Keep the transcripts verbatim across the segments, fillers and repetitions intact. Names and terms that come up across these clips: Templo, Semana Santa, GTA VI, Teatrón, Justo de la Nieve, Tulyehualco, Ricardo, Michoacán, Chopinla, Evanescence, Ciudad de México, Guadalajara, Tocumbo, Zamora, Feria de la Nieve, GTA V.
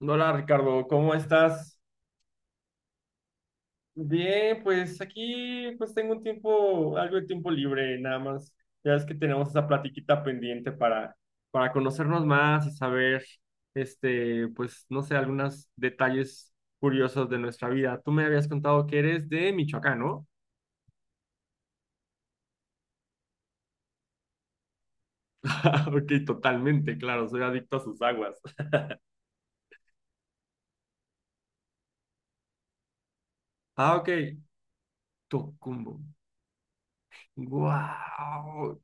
Hola Ricardo, ¿cómo estás? Bien, pues aquí pues tengo un tiempo, algo de tiempo libre, nada más. Ya es que tenemos esa platiquita pendiente para, para conocernos más y saber, este, pues no sé, algunos detalles curiosos de nuestra vida. Tú me habías contado que eres de Michoacán, ¿no? Ah, ok, totalmente, claro, soy adicto a sus aguas. Ah, ok, Tocumbo. ¡Guau!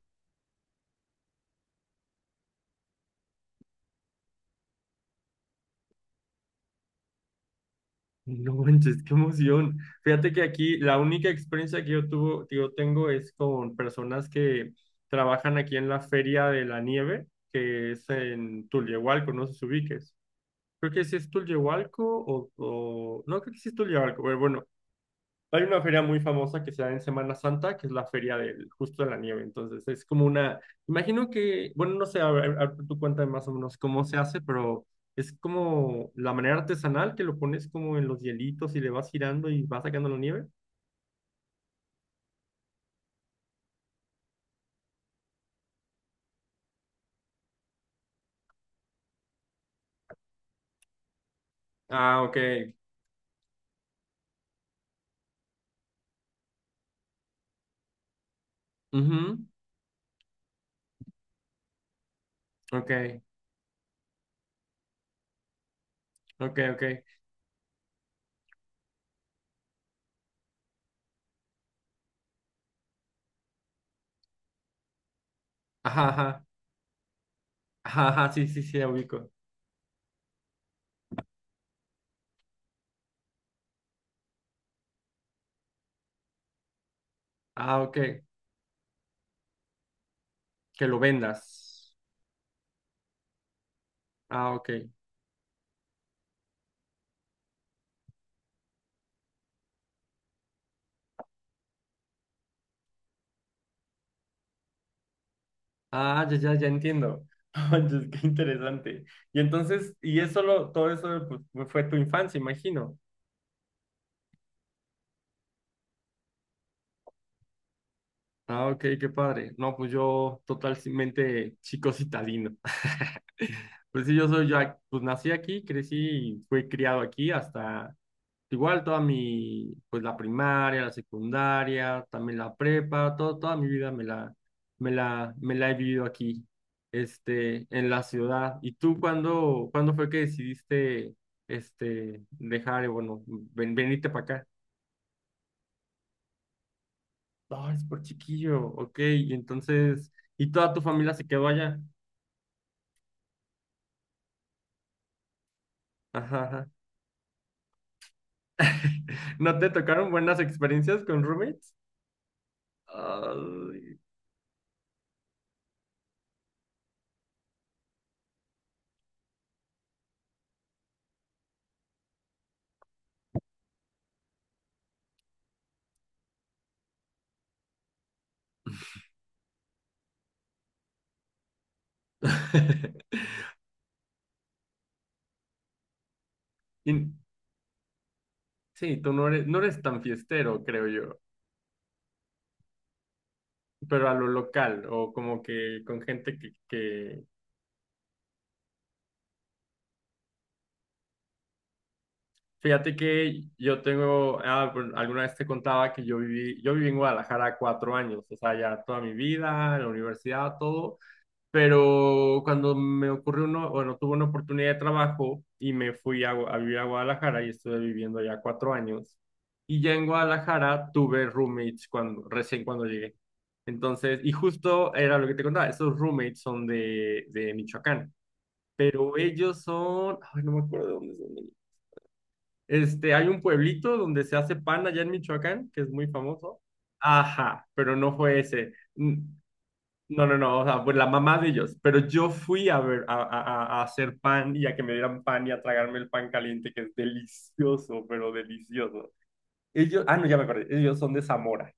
No manches, qué emoción. Fíjate que aquí la única experiencia que yo tuvo, que yo tengo es con personas que trabajan aquí en la Feria de la Nieve, que es en Tulyehualco, no sé si ubiques. Creo que sí es Tulyehualco o, o- no, creo que sí es Tulyehualco, pero bueno, hay una feria muy famosa que se da en Semana Santa, que es la feria del Justo de la Nieve. Entonces, es como una, imagino que, bueno, no sé, a ver, a ver, tú cuéntame más o menos cómo se hace, pero es como la manera artesanal que lo pones como en los hielitos y le vas girando y vas sacando la nieve. Ah, ok. Ujú. Ok, ok, ok. Ajá, ajá. Ajá, ajá, sí, sí, sí, la ubico. Ah, ok. Que lo vendas. Ah, ok. Ah, ya, ya, ya entiendo. Oye, qué interesante. Y entonces, y eso lo, todo eso pues, fue fue tu infancia, imagino. Ah, ok, qué padre. No, pues yo totalmente chico citadino. Pues sí, yo soy ya, pues nací aquí, crecí y fui criado aquí hasta. Igual toda mi, pues la primaria, la secundaria, también la prepa, todo, toda mi vida me la, me la, me la he vivido aquí, este, en la ciudad. ¿Y tú cuándo, cuándo fue que decidiste, este, dejar, eh, bueno, ven- venirte para acá? Ah, es por chiquillo, ok, y entonces, ¿y toda tu familia se quedó allá? Ajá, ajá. ¿No te tocaron buenas experiencias con roommates? Ay. Y- Sí, tú no eres, no eres tan fiestero, creo yo, pero a lo local o como que con gente que, que... Fíjate que yo tengo, ah, bueno, alguna vez te contaba que yo viví, yo viví en Guadalajara cuatro años, o sea, ya toda mi vida, la universidad, todo. Pero cuando me ocurrió uno, bueno, tuve una oportunidad de trabajo y me fui a, Gua- a vivir a Guadalajara y estuve viviendo allá cuatro años. Y ya en Guadalajara tuve roommates cuando, recién cuando llegué. Entonces, y justo era lo que te contaba, esos roommates son de, de Michoacán, pero ellos son, ay, no me acuerdo de dónde son. Este, hay un pueblito donde se hace pan allá en Michoacán, que es muy famoso. Ajá, pero no fue ese. Mm, no, no, no, o sea, pues la mamá de ellos, pero yo fui a ver, a, a- a- a hacer pan y a que me dieran pan y a tragarme el pan caliente, que es delicioso, pero delicioso. Ellos, ah, no, ya me acordé, ellos son de Zamora.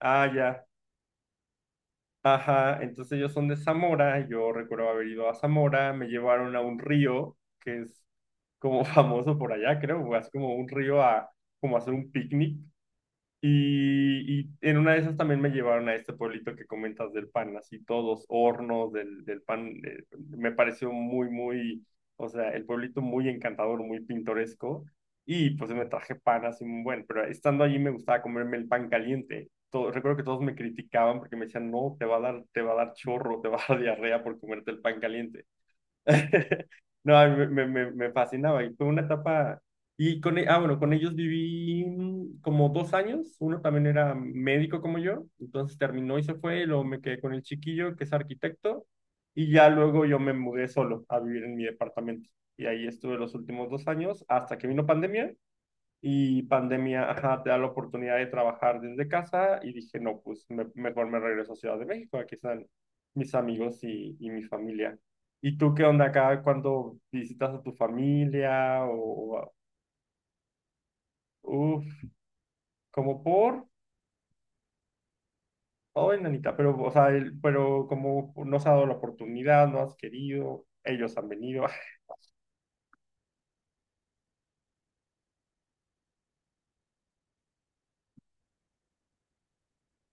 Ah, ya, ajá, entonces ellos son de Zamora, yo recuerdo haber ido a Zamora, me llevaron a un río, que es como famoso por allá, creo, así como un río a, como hacer un picnic. Y, y en una de esas también me llevaron a este pueblito que comentas del pan, así todos hornos del, del pan. Eh, me pareció muy, muy, o sea, el pueblito muy encantador, muy pintoresco. Y pues me traje pan así muy bueno, pero estando allí me gustaba comerme el pan caliente. Todo- recuerdo que todos me criticaban porque me decían, no, te va a dar, te va a dar chorro, te va a dar diarrea por comerte el pan caliente. No, a mí me, me, me fascinaba y fue una etapa, y con, e- ah, bueno, con ellos viví mm, como dos años, uno también era médico como yo, entonces terminó y se fue, y luego me quedé con el chiquillo que es arquitecto, y ya luego yo me mudé solo a vivir en mi departamento, y ahí estuve los últimos dos años hasta que vino pandemia, y pandemia, ajá, te da la oportunidad de trabajar desde casa y dije, no, pues me- mejor me regreso a Ciudad de México, aquí están mis amigos y, y mi familia. ¿Y tú qué onda acá cuando visitas a tu familia o, o- uf, como por, ay, nanita, pero, o sea, el- pero como no se ha dado la oportunidad, no has querido, ellos han venido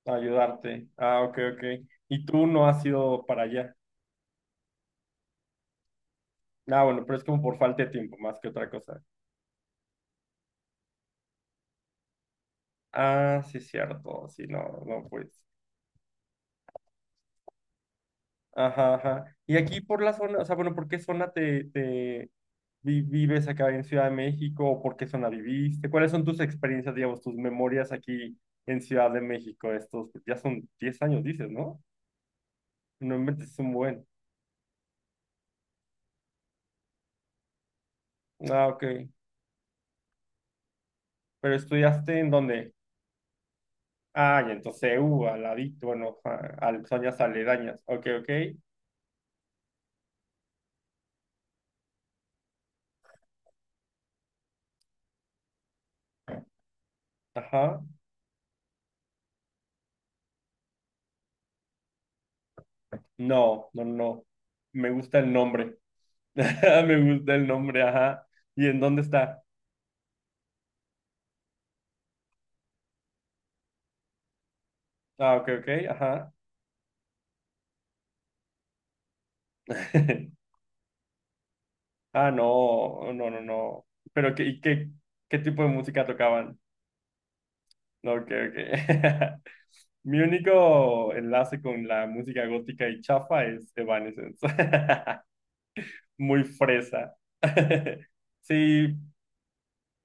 a ayudarte. Ah, ok, ok. Y tú no has ido para allá. Ah, bueno, pero es como por falta de tiempo, más que otra cosa. Ah, sí, cierto. Sí, no, no, pues. Ajá, ajá. Y aquí por la zona, o sea, bueno, ¿por qué zona te, te vi- vives acá en Ciudad de México? ¿O por qué zona viviste? ¿Cuáles son tus experiencias, digamos, tus memorias aquí en Ciudad de México? Estos, pues, ya son diez años, dices, ¿no? No inventes, es un buen. Ah, ok. ¿Pero estudiaste en dónde? Ah, y entonces, U al ladito, bueno, ajá, al, zonas aledañas. Ok, ok. Ajá. No, no, no. Me gusta el nombre. Me gusta el nombre, ajá. ¿Y en dónde está? Ah, ok, ok, ajá. Ah, no, no, no, no. Pero qué, y qué, ¿Qué tipo de música tocaban? No, ok, ok. Mi único enlace con la música gótica y chafa es Evanescence. Muy fresa. Sí,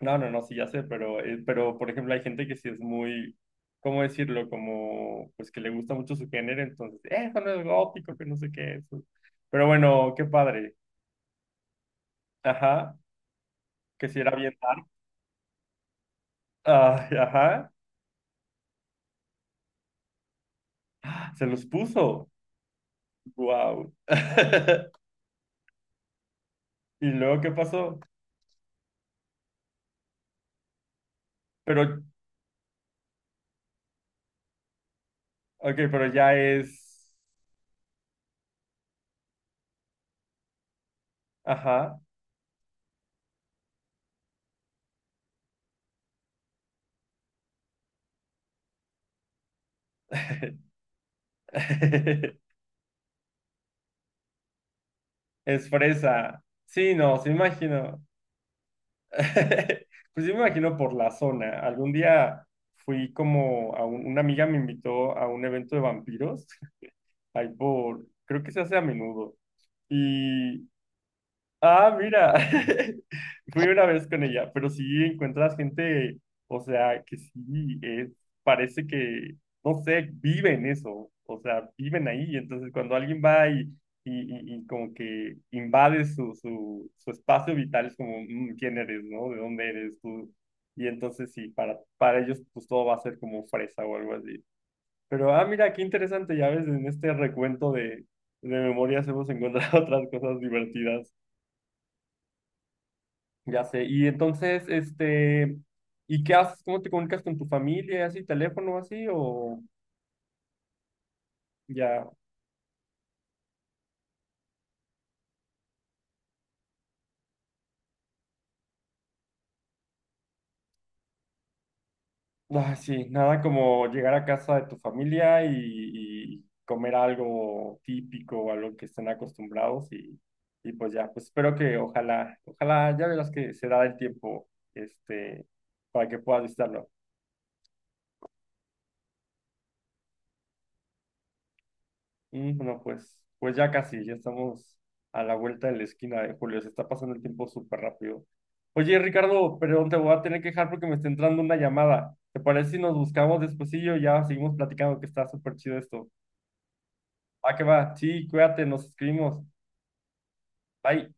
no, no, no, sí, ya sé, pero, eh, pero por ejemplo, hay gente que sí es muy, ¿cómo decirlo? Como, pues que le gusta mucho su género, entonces, eh, eso no es gótico, que no sé qué, eso. Pero bueno, qué padre. Ajá, que si era bien dark. Ay, ajá, se los puso. Wow. ¿Y luego qué pasó? Pero, ok, pero ya es. Ajá. Es fresa. Sí, no, se imagino. Pues yo me imagino por la zona. Algún día fui como a un- una amiga me invitó a un evento de vampiros, ahí por, creo que se hace a menudo. Ah, mira, fui una vez con ella, pero sí encuentras gente, o sea, que sí, es, parece que, no sé, viven eso, o sea, viven ahí, entonces cuando alguien va y, y, y- y como que invade su, su, su espacio vital, es como, "Mm, ¿quién eres, no? ¿De dónde eres tú?" Y entonces sí, para, para ellos pues todo va a ser como fresa o algo así. Pero, ah, mira, qué interesante, ya ves, en este recuento de, de memorias hemos encontrado otras cosas divertidas. Ya sé. Y entonces, este, ¿y qué haces? ¿Cómo te comunicas con tu familia? ¿Así, teléfono, así? O ya, ah, sí, nada como llegar a casa de tu familia y, y comer algo típico o a que estén acostumbrados y, y pues ya, pues espero que ojalá, ojalá ya verás que se da el tiempo, este, para que puedas visitarlo. Mm, no, pues, pues ya casi, ya estamos a la vuelta de la esquina de Julio, se está pasando el tiempo súper rápido. Oye, Ricardo, perdón, te voy a tener que dejar porque me está entrando una llamada. ¿Te parece si nos buscamos despuesillo? Ya seguimos platicando que está súper chido esto. Va que va, sí, cuídate, nos escribimos. Bye.